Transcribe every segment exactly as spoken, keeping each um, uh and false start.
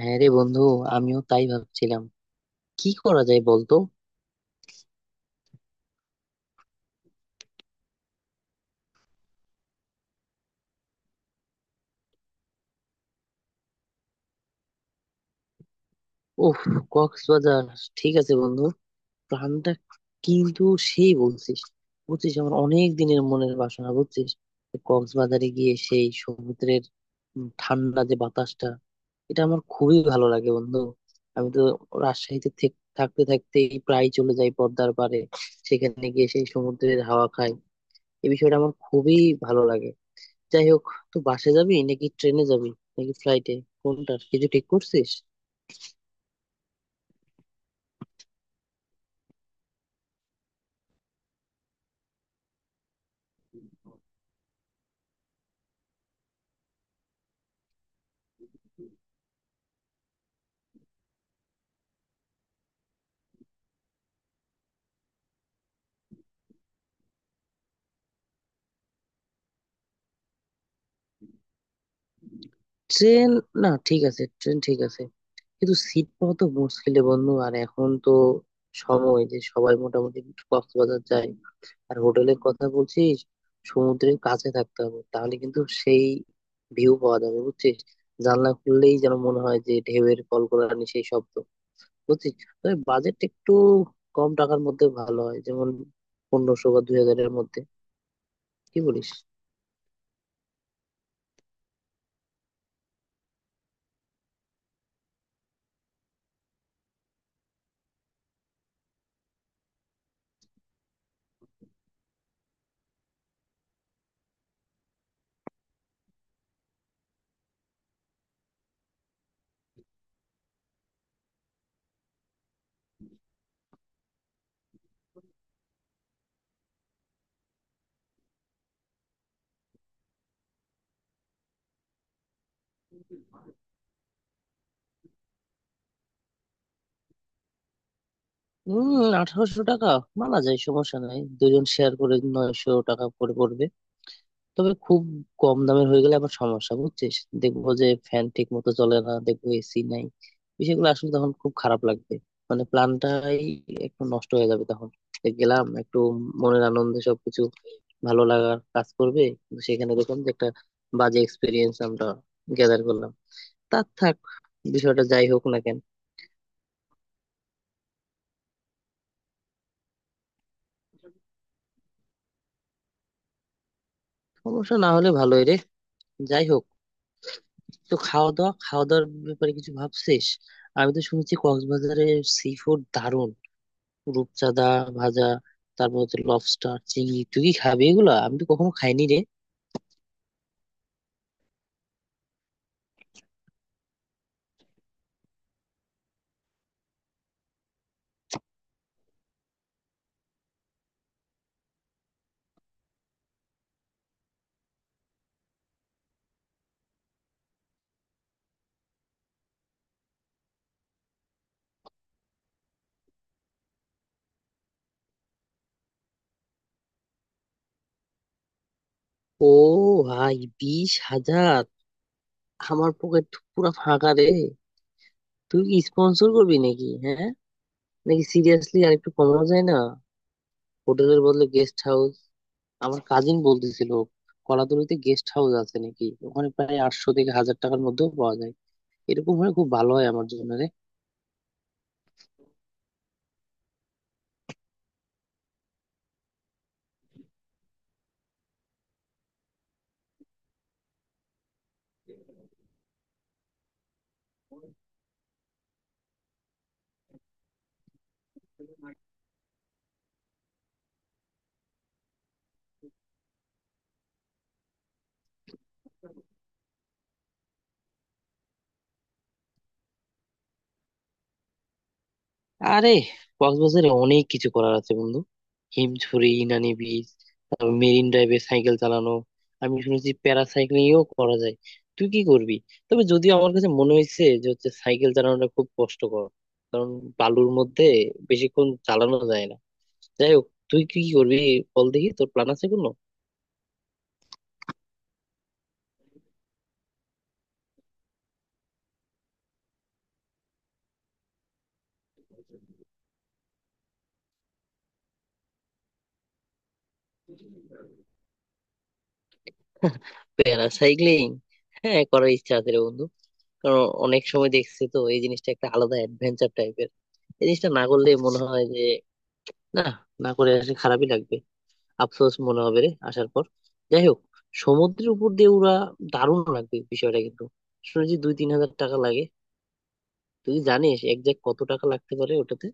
হ্যাঁ রে বন্ধু, আমিও তাই ভাবছিলাম। কি করা যায় বলতো? ওহ, কক্সবাজার, ঠিক আছে বন্ধু। প্ল্যানটা কিন্তু সেই বলছিস। বুঝছিস আমার অনেক দিনের মনের বাসনা বুঝছিস। কক্সবাজারে গিয়ে সেই সমুদ্রের উম, ঠান্ডা যে বাতাসটা এটা আমার খুবই ভালো লাগে বন্ধু। আমি তো রাজশাহীতে থেক- থাকতে থাকতেই প্রায় চলে যাই পদ্মার পাড়ে। সেখানে গিয়ে সেই সমুদ্রের হাওয়া খাই। এই বিষয়টা আমার খুবই ভালো লাগে। যাই হোক, তো বাসে যাবি নাকি ট্রেনে যাবি, নাকি ফ্লাইটে? কোনটা কিছু ঠিক করছিস? ট্রেন? না ঠিক আছে, ট্রেন ঠিক আছে। কিন্তু সিট পাওয়া তো মুশকিলে বন্ধু, আর এখন তো সময় যে সবাই মোটামুটি কক্সবাজার যায়। আর হোটেলের কথা বলছিস, সমুদ্রের কাছে থাকতে হবে তাহলে কিন্তু সেই ভিউ পাওয়া যাবে বুঝছিস। জানলা খুললেই যেন মনে হয় যে ঢেউয়ের কলকলানি সেই শব্দ বুঝছিস। তবে বাজেট একটু কম টাকার মধ্যে ভালো হয়, যেমন পনেরোশো বা দুই হাজারের মধ্যে। কি বলিস? হম, আঠারোশো টাকা মানা যায়, সমস্যা নাই। দুজন শেয়ার করে নয়শো টাকা করে পড়বে। তবে খুব কম দামের হয়ে গেলে আবার সমস্যা বুঝছিস। দেখবো যে ফ্যান ঠিক মতো চলে না, দেখবো এসি নাই, বিষয়গুলো আসলে তখন খুব খারাপ লাগবে। মানে প্ল্যানটাই একটু নষ্ট হয়ে যাবে তখন। এই গেলাম একটু মনের আনন্দে, সবকিছু ভালো লাগার কাজ করবে, কিন্তু সেখানে দেখলাম যে একটা বাজে এক্সপিরিয়েন্স আমরা গ্যাদার করলাম। তার থাক, বিষয়টা যাই হোক না কেন। সমস্যা না হলে ভালোই রে। যাই হোক, তো খাওয়া দাওয়া, খাওয়া দাওয়ার ব্যাপারে কিছু ভাবছিস? আমি তো শুনেছি কক্সবাজারে সি ফুড দারুণ। রূপচাঁদা ভাজা, তারপর হচ্ছে লবস্টার চিংড়ি, তুই কি খাবি এগুলো? আমি তো কখনো খাইনি রে। ও ভাই, বিশ হাজার? আমার পকেট তো পুরো ফাঁকা রে। তুই কি স্পন্সর করবি নাকি? হ্যাঁ? নাকি সিরিয়াসলি আর একটু কমানো যায় না? হোটেলের বদলে গেস্ট হাউস, আমার কাজিন বলতেছিল কলাতলিতে গেস্ট হাউস আছে নাকি, ওখানে প্রায় আটশো থেকে হাজার টাকার মধ্যেও পাওয়া যায়। এরকম হলে খুব ভালো হয় আমার জন্য রে। আরে কক্সবাজারে অনেক কিছু করার আছে বন্ধু। হিমছড়ি, ইনানি বিচ, তারপর মেরিন ড্রাইভে সাইকেল চালানো। আমি শুনেছি প্যারাসাইক্লিংও করা যায়। তুই কি করবি? তবে যদিও আমার কাছে মনে হয়েছে যে হচ্ছে সাইকেল চালানোটা খুব কষ্টকর, কারণ বালুর মধ্যে বেশিক্ষণ চালানো যায় না। যাই হোক, তুই কি কি করবি বল দেখি, তোর প্ল্যান আছে কোনো? প্যারাসাইক্লিং হ্যাঁ করার ইচ্ছা আছে রে বন্ধু। কারণ অনেক সময় দেখছি তো এই জিনিসটা একটা আলাদা অ্যাডভেঞ্চার টাইপের। এই জিনিসটা না করলে মনে হয় না, না করে আসলে খারাপই লাগবে, আফসোস মনে হবে রে আসার পর। যাই হোক, সমুদ্রের উপর দিয়ে উড়া দারুণ লাগবে বিষয়টা কিন্তু। শুনেছি দুই তিন হাজার টাকা লাগে। তুই জানিস একজ্যাক্ট কত টাকা লাগতে পারে ওটাতে?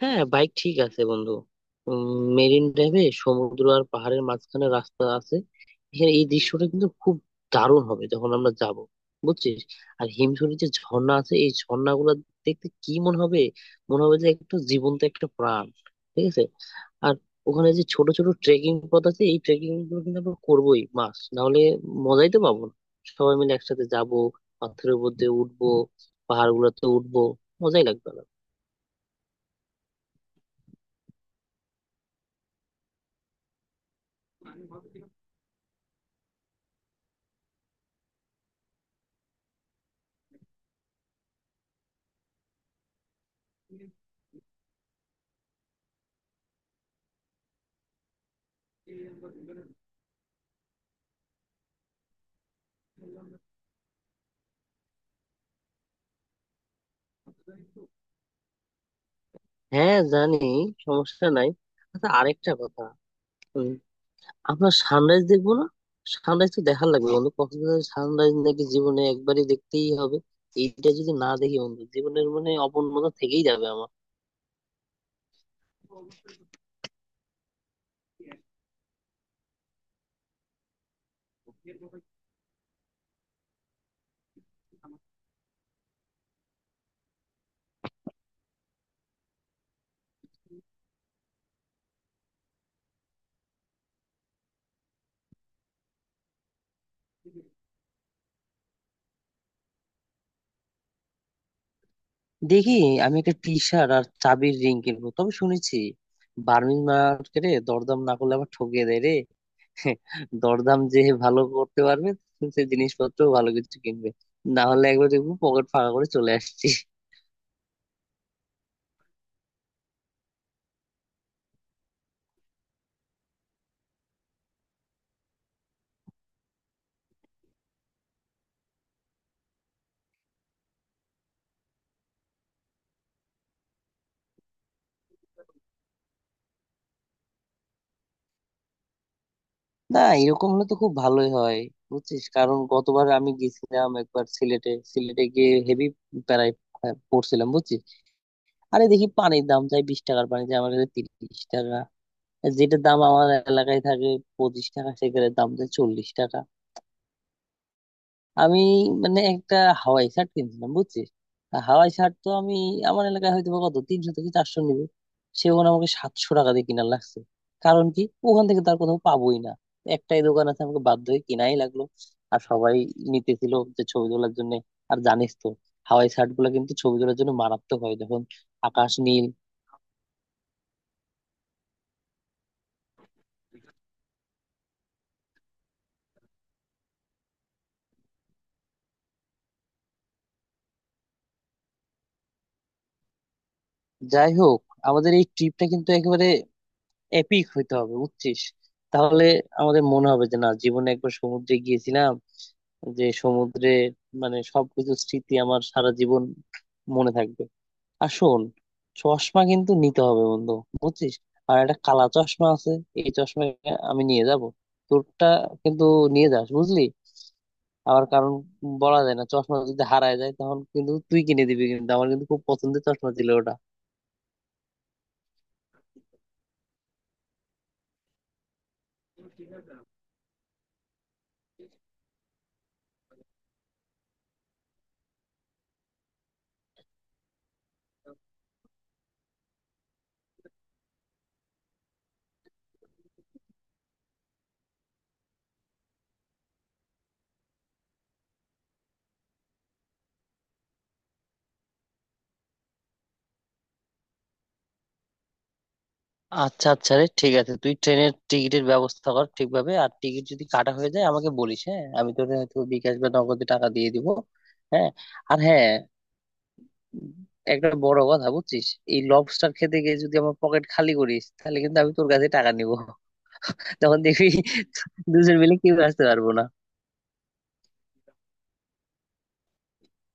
হ্যাঁ বাইক ঠিক আছে বন্ধু। মেরিন ড্রাইভে সমুদ্র আর পাহাড়ের মাঝখানে রাস্তা আছে। এখানে এই দৃশ্যটা কিন্তু খুব দারুণ হবে যখন আমরা যাব বুঝছিস। আর হিমছড়ির যে ঝর্ণা আছে, এই ঝর্ণা গুলা দেখতে কি মনে হবে? মনে হবে যে একটা জীবন্ত একটা প্রাণ, ঠিক আছে। আর ওখানে যে ছোট ছোট ট্রেকিং পথ আছে, এই ট্রেকিং গুলো কিন্তু আমরা করবোই, মাস না হলে মজাই তো পাবো না। সবাই মিলে একসাথে যাব, পাথরের উপর দিয়ে উঠবো, পাহাড় গুলোতে উঠবো, মজাই লাগবে। হ্যাঁ জানি, সমস্যা নাই। আচ্ছা আরেকটা কথা, উম, আমরা সানরাইজ দেখবো না? সানরাইজ তো দেখা লাগবে বন্ধু, কক্সবাজারের সানরাইজ নাকি জীবনে একবারই দেখতেই হবে। এইটা যদি না দেখি বন্ধু জীবনের মানে অপূর্ণতা থেকেই যাবে আমার। দেখি, আমি একটা টি শার্ট আর চাবির রিং কিনবো। তবে শুনেছি বার্মিজ মার্কেটে দরদাম না করলে আবার ঠকিয়ে দেয় রে। দরদাম যে ভালো করতে পারবে সে জিনিসপত্র ভালো কিছু কিনবে, না হলে একবার দেখবো পকেট ফাঁকা করে চলে আসছি। না এরকম হলে তো খুব ভালোই হয় বুঝছিস। কারণ গতবার আমি গেছিলাম একবার সিলেটে, সিলেটে গিয়ে হেভি প্যারায় আহ, পড়ছিলাম বুঝছিস। আরে দেখি পানির দাম চাই বিশ টাকার পানি, চাই আমার কাছে তিরিশ টাকা, যেটার দাম আমার এলাকায় থাকে পঁচিশ টাকা সেখানে দাম চাই চল্লিশ টাকা। আমি মানে একটা হাওয়াই শার্ট কিনছিলাম বুঝছিস। আর হাওয়াই শার্ট তো আমি আমার এলাকায় হয়তো বা কত, তিনশো থেকে চারশো নিবে, সে ওখানে আমাকে সাতশো টাকা দিয়ে কিনা লাগছে। কারণ কি, ওখান থেকে তার কোথাও পাবোই না, একটাই দোকান আছে আমাকে বাধ্য হয়ে কিনাই লাগলো। আর সবাই নিতেছিল যে ছবি তোলার জন্য। আর জানিস তো হাওয়াই শার্ট গুলো কিন্তু ছবি তোলার জন্য মারাত্মক হয় যখন আকাশ নীল। যাই হোক, আমাদের এই ট্রিপটা কিন্তু একেবারে এপিক হইতে হবে বুঝছিস। তাহলে আমাদের মনে হবে যে না, জীবনে একবার সমুদ্রে গিয়েছিলাম, যে সমুদ্রে মানে সবকিছু স্মৃতি আমার সারা জীবন মনে থাকবে। আর শোন, চশমা কিন্তু নিতে হবে বন্ধু বুঝছিস। আর একটা কালা চশমা আছে, এই চশমা আমি নিয়ে যাব। তোরটা কিন্তু নিয়ে যাস বুঝলি, আবার কারণ বলা যায় না চশমা যদি হারায় যায় তখন কিন্তু তুই কিনে দিবি কিন্তু, আমার কিন্তু খুব পছন্দের চশমা ছিল ওটা। আচ্ছা আচ্ছা রে ঠিক আছে, তুই ট্রেনের টিকিটের ব্যবস্থা কর ঠিকভাবে, আর টিকিট যদি কাটা হয়ে যায় আমাকে বলিস, হ্যাঁ আমি তোর হয়তো বিকাশ বা নগদে টাকা দিয়ে দিব। হ্যাঁ, আর হ্যাঁ একটা বড় কথা বুঝছিস, এই লবস্টার খেতে গিয়ে যদি আমার পকেট খালি করিস তাহলে কিন্তু আমি তোর কাছে টাকা নিব। তখন দেখবি দুজন মিলে কেউ আসতে পারবো না।